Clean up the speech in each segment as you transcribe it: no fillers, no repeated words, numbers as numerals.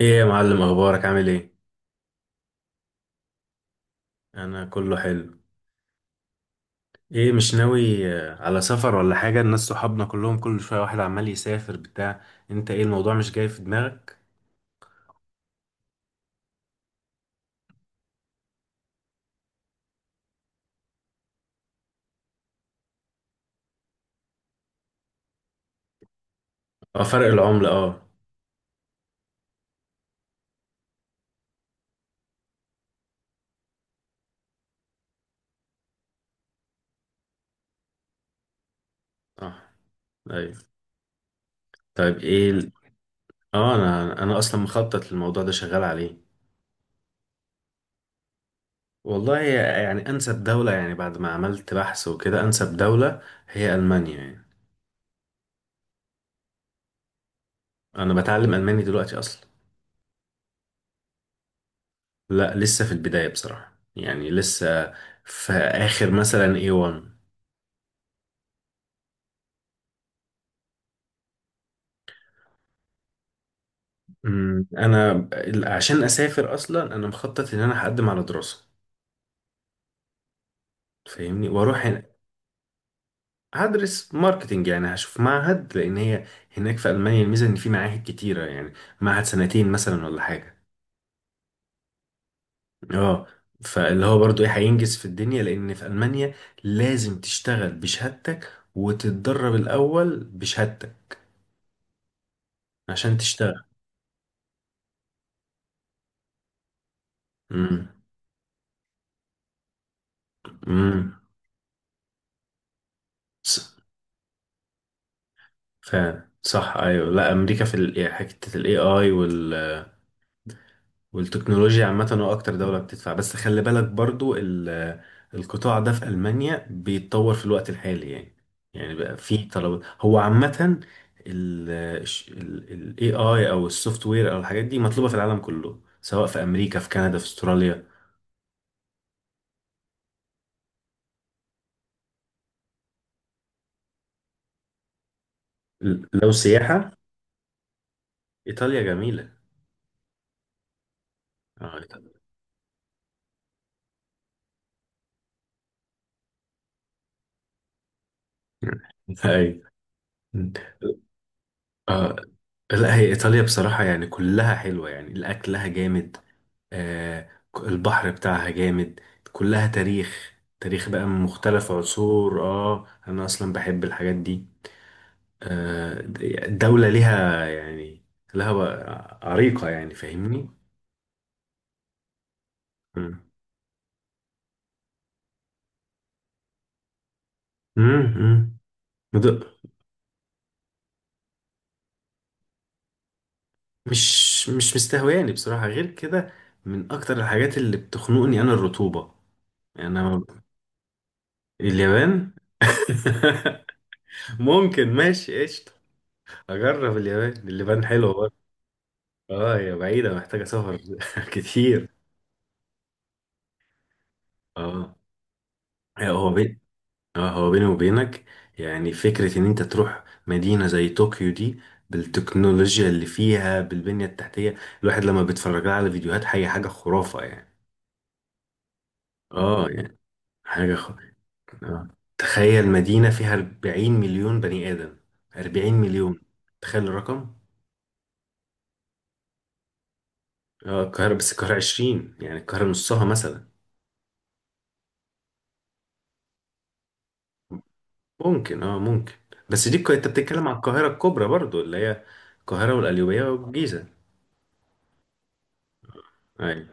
ايه يا معلم، اخبارك؟ عامل ايه؟ انا كله حلو. ايه مش ناوي، على سفر ولا حاجه؟ الناس صحابنا كلهم كل شويه واحد عمال يسافر بتاع. انت ايه الموضوع مش جاي في دماغك؟ اه، فرق العمله، اه. صح. ايوه. طيب، ايه اه، انا اصلا مخطط للموضوع ده، شغال عليه. والله، يعني انسب دوله، يعني بعد ما عملت بحث وكده، انسب دوله هي المانيا يعني. انا بتعلم الماني دلوقتي اصلا. لا، لسه في البدايه بصراحه، يعني لسه في اخر مثلا A1. انا عشان اسافر اصلا، انا مخطط ان انا هقدم على دراسه، فاهمني، واروح هنا. هدرس ماركتنج، يعني هشوف معهد، لان هي هناك في المانيا الميزه ان في معاهد كتيره، يعني معهد سنتين مثلا ولا حاجه. اه. فاللي هو برضو ايه هينجز في الدنيا، لان في المانيا لازم تشتغل بشهادتك وتتدرب الاول بشهادتك عشان تشتغل. امم. امم. س- فعلا، صح. ايوه. لا، امريكا في حته الاي اي والتكنولوجيا عامة، هو أكتر دولة بتدفع. بس خلي بالك برضو القطاع ده في ألمانيا بيتطور في الوقت الحالي، يعني يعني بقى في طلب، هو عامة. ال ال ال AI أو السوفت وير أو الحاجات دي مطلوبة في العالم كله، سواء في أمريكا، في كندا، في أستراليا. لو سياحة، إيطاليا جميلة. اه، إيطاليا. أيوة. آه، لا، هي إيطاليا بصراحة يعني كلها حلوة، يعني الأكلها جامد. آه، البحر بتاعها جامد. كلها تاريخ، تاريخ بقى من مختلف عصور. اه، انا اصلا بحب الحاجات دي. آه، الدولة ليها، يعني لها بقى عريقة، يعني فاهمني. مم. مم. مم، ده مش مستهواني بصراحة غير كده. من اكتر الحاجات اللي بتخنقني انا الرطوبة، يعني انا. اليابان. ممكن، ماشي قشطة، اجرب اليابان. اليابان حلوة. اه، هي بعيدة محتاجة سفر كتير. اه، هو اه بين اه هو بيني وبينك، يعني فكرة ان انت تروح مدينة زي طوكيو دي، بالتكنولوجيا اللي فيها، بالبنية التحتية. الواحد لما بيتفرج لها على فيديوهات، حاجة حاجة خرافة يعني. اه، يعني حاجة آه. تخيل مدينة فيها 40 مليون بني آدم. 40 مليون، تخيل الرقم. اه، القاهرة، بس القاهرة 20، يعني القاهرة نصها مثلا. ممكن. بس دي انت بتتكلم على القاهرة الكبرى برضو، اللي هي القاهرة والقليوبية والجيزة. ايوه.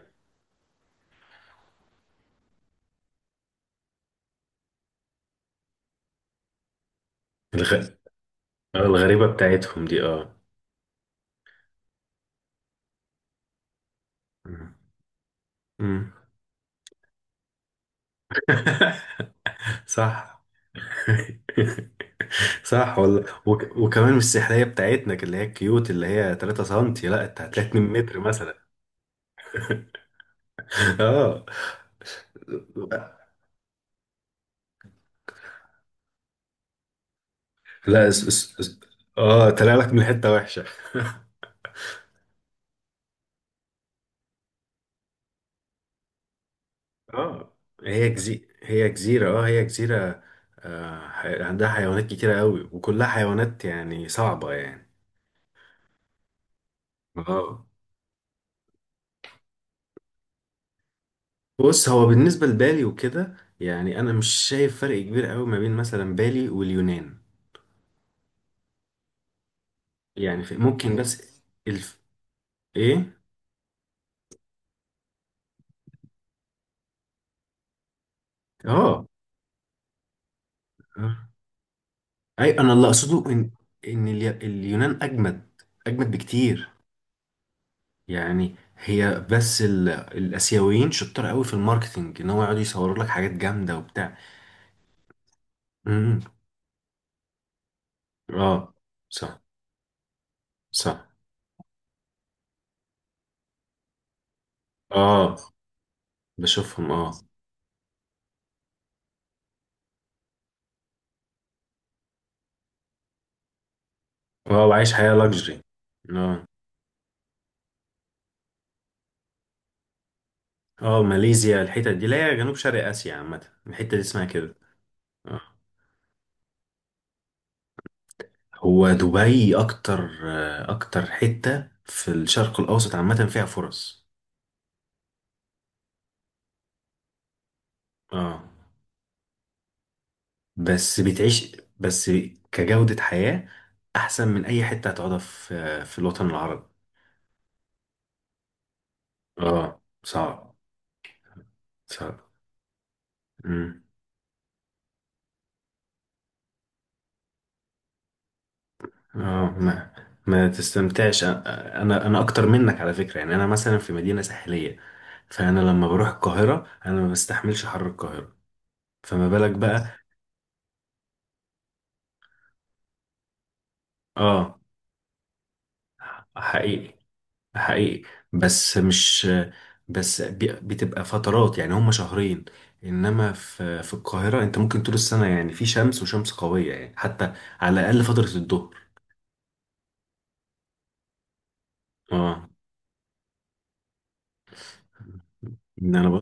الغ... الغريبة بتاعتهم دي، اه. مم. مم. صح. صح والله. وكمان مش السحرية بتاعتنا اللي هي الكيوت، اللي هي 3 سنتي، لا، انت هتلاقي 2 متر مثلا. اه، لا، اه، طلع لك من حتة وحشة. اه، هي جزيرة، اه هي جزيرة. آه، عندها حيوانات كتيرة قوي، وكلها حيوانات يعني صعبة يعني. اه. بص، هو بالنسبة لبالي وكده يعني، أنا مش شايف فرق كبير قوي ما بين مثلا بالي واليونان. يعني ممكن، بس الف... ايه. اه. آه. اي، انا اللي اقصده ان اليونان اجمد، اجمد بكتير. يعني هي بس ال... الاسيويين شطار قوي في الماركتينج، ان هو يقعدوا يصوروا لك حاجات جامده وبتاع. اه، صح. صح. اه، بشوفهم، اه. اه، وعايش حياة لاكجري. اه. اه، ماليزيا، الحتة دي، لا، هي جنوب شرق اسيا عامة، الحتة دي اسمها كده. اه. هو دبي اكتر حتة في الشرق الاوسط عامة فيها فرص. اه، بس بتعيش بس كجودة حياة احسن من اي حتة هتقعدها، في الوطن العربي. اه، صعب. صعب. مم. اه، ما ما تستمتعش. انا اكتر منك على فكره، يعني انا مثلا في مدينه ساحليه، فانا لما بروح القاهره انا ما بستحملش حر القاهره، فما بالك بقى. اه، حقيقي، حقيقي، بس مش، بس بتبقى فترات، يعني هم شهرين. انما في القاهره انت ممكن طول السنه يعني في شمس، وشمس قويه يعني، حتى على الاقل فتره الظهر. اه، ان انا،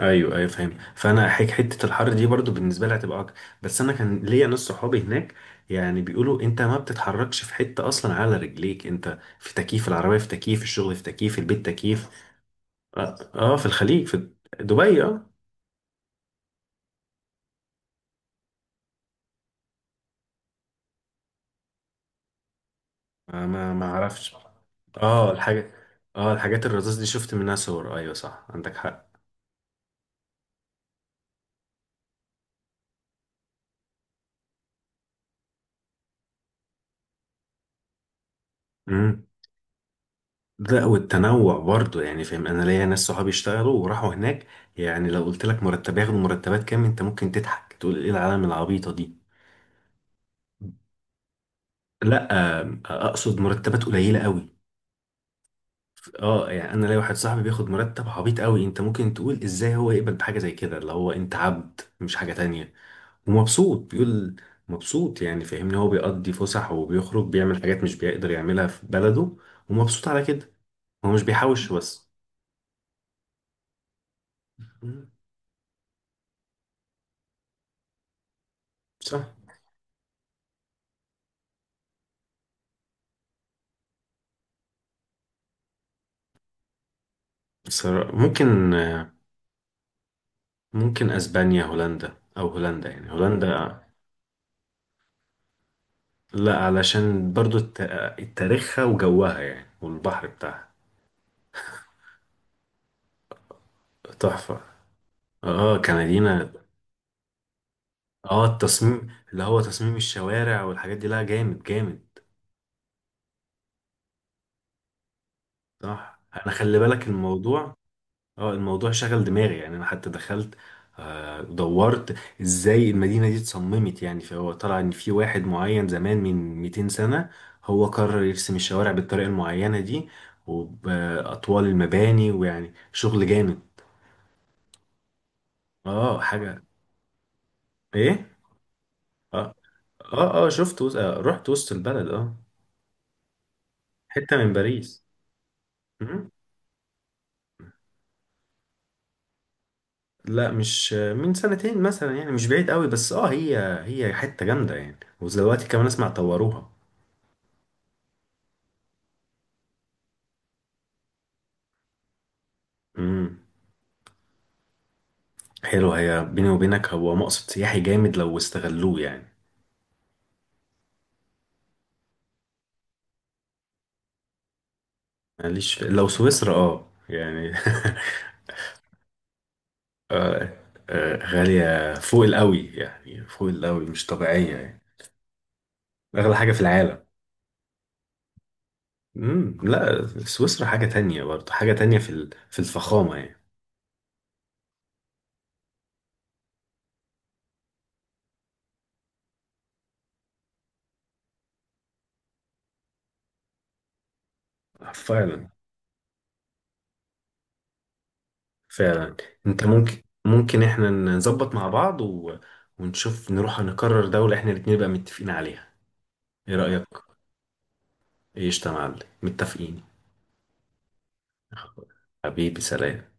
ايوه ايوه فاهم. فانا حته الحر دي برضو بالنسبه لي هتبقى اكتر، بس انا كان ليا ناس صحابي هناك، يعني بيقولوا انت ما بتتحركش في حته اصلا على رجليك، انت في تكييف العربيه، في تكييف الشغل، في تكييف البيت، تكييف. في الخليج، في دبي. اه. ما اعرفش. اه، الحاجه، اه، الحاجات الرذاذ دي شفت منها صور، ايوه صح، عندك حق. امم. لا، والتنوع برضو يعني، فاهم، انا ليا ناس صحابي اشتغلوا وراحوا هناك، يعني لو قلت لك مرتب ياخدوا، مرتبات كام، انت ممكن تضحك تقول ايه العالم العبيطه دي. لا، اقصد مرتبات قليله قوي. اه، يعني انا ليا واحد صاحبي بياخد مرتب عبيط قوي، انت ممكن تقول ازاي هو يقبل بحاجه زي كده، اللي هو انت عبد مش حاجه تانية، ومبسوط بيقول. مبسوط، يعني فاهمني، هو بيقضي فسح وبيخرج بيعمل حاجات مش بيقدر يعملها في بلده، ومبسوط على كده، هو مش بيحوش بس. مم. صح. ممكن، ممكن اسبانيا، هولندا، او هولندا، يعني هولندا. لا، علشان برضو تاريخها وجوها، يعني والبحر بتاعها تحفة. اه، كمدينة. اه، التصميم اللي هو تصميم الشوارع والحاجات دي، لا، جامد جامد. صح. انا خلي بالك الموضوع، اه، الموضوع شغل دماغي، يعني انا حتى دخلت، آه، دورت ازاي المدينة دي اتصممت، يعني فهو طلع ان في واحد معين زمان من 200 سنة، هو قرر يرسم الشوارع بالطريقة المعينة دي وبأطوال المباني، ويعني شغل جامد. اه، حاجة، ايه، اه. شفت رحت وسط البلد، اه، حتة من باريس. لا، مش من سنتين مثلا، يعني مش بعيد قوي، بس اه، هي، هي حتة جامدة يعني، ودلوقتي كمان اسمع طوروها. امم. حلو. هي بيني وبينك هو مقصد سياحي جامد لو استغلوه يعني. ماليش في... لو سويسرا، اه، يعني آه، غالية فوق القوي، يعني فوق القوي مش طبيعية يعني. أغلى حاجة في العالم. امم. لا، سويسرا حاجة تانية برضه، حاجة تانية في في الفخامة يعني. فعلا. فعلا. انت ممكن، احنا نظبط مع بعض و... ونشوف، نروح نقرر دولة احنا الاتنين بقى متفقين عليها. ايه رأيك؟ ايش يا معلم، متفقين. حبيبي، سلام.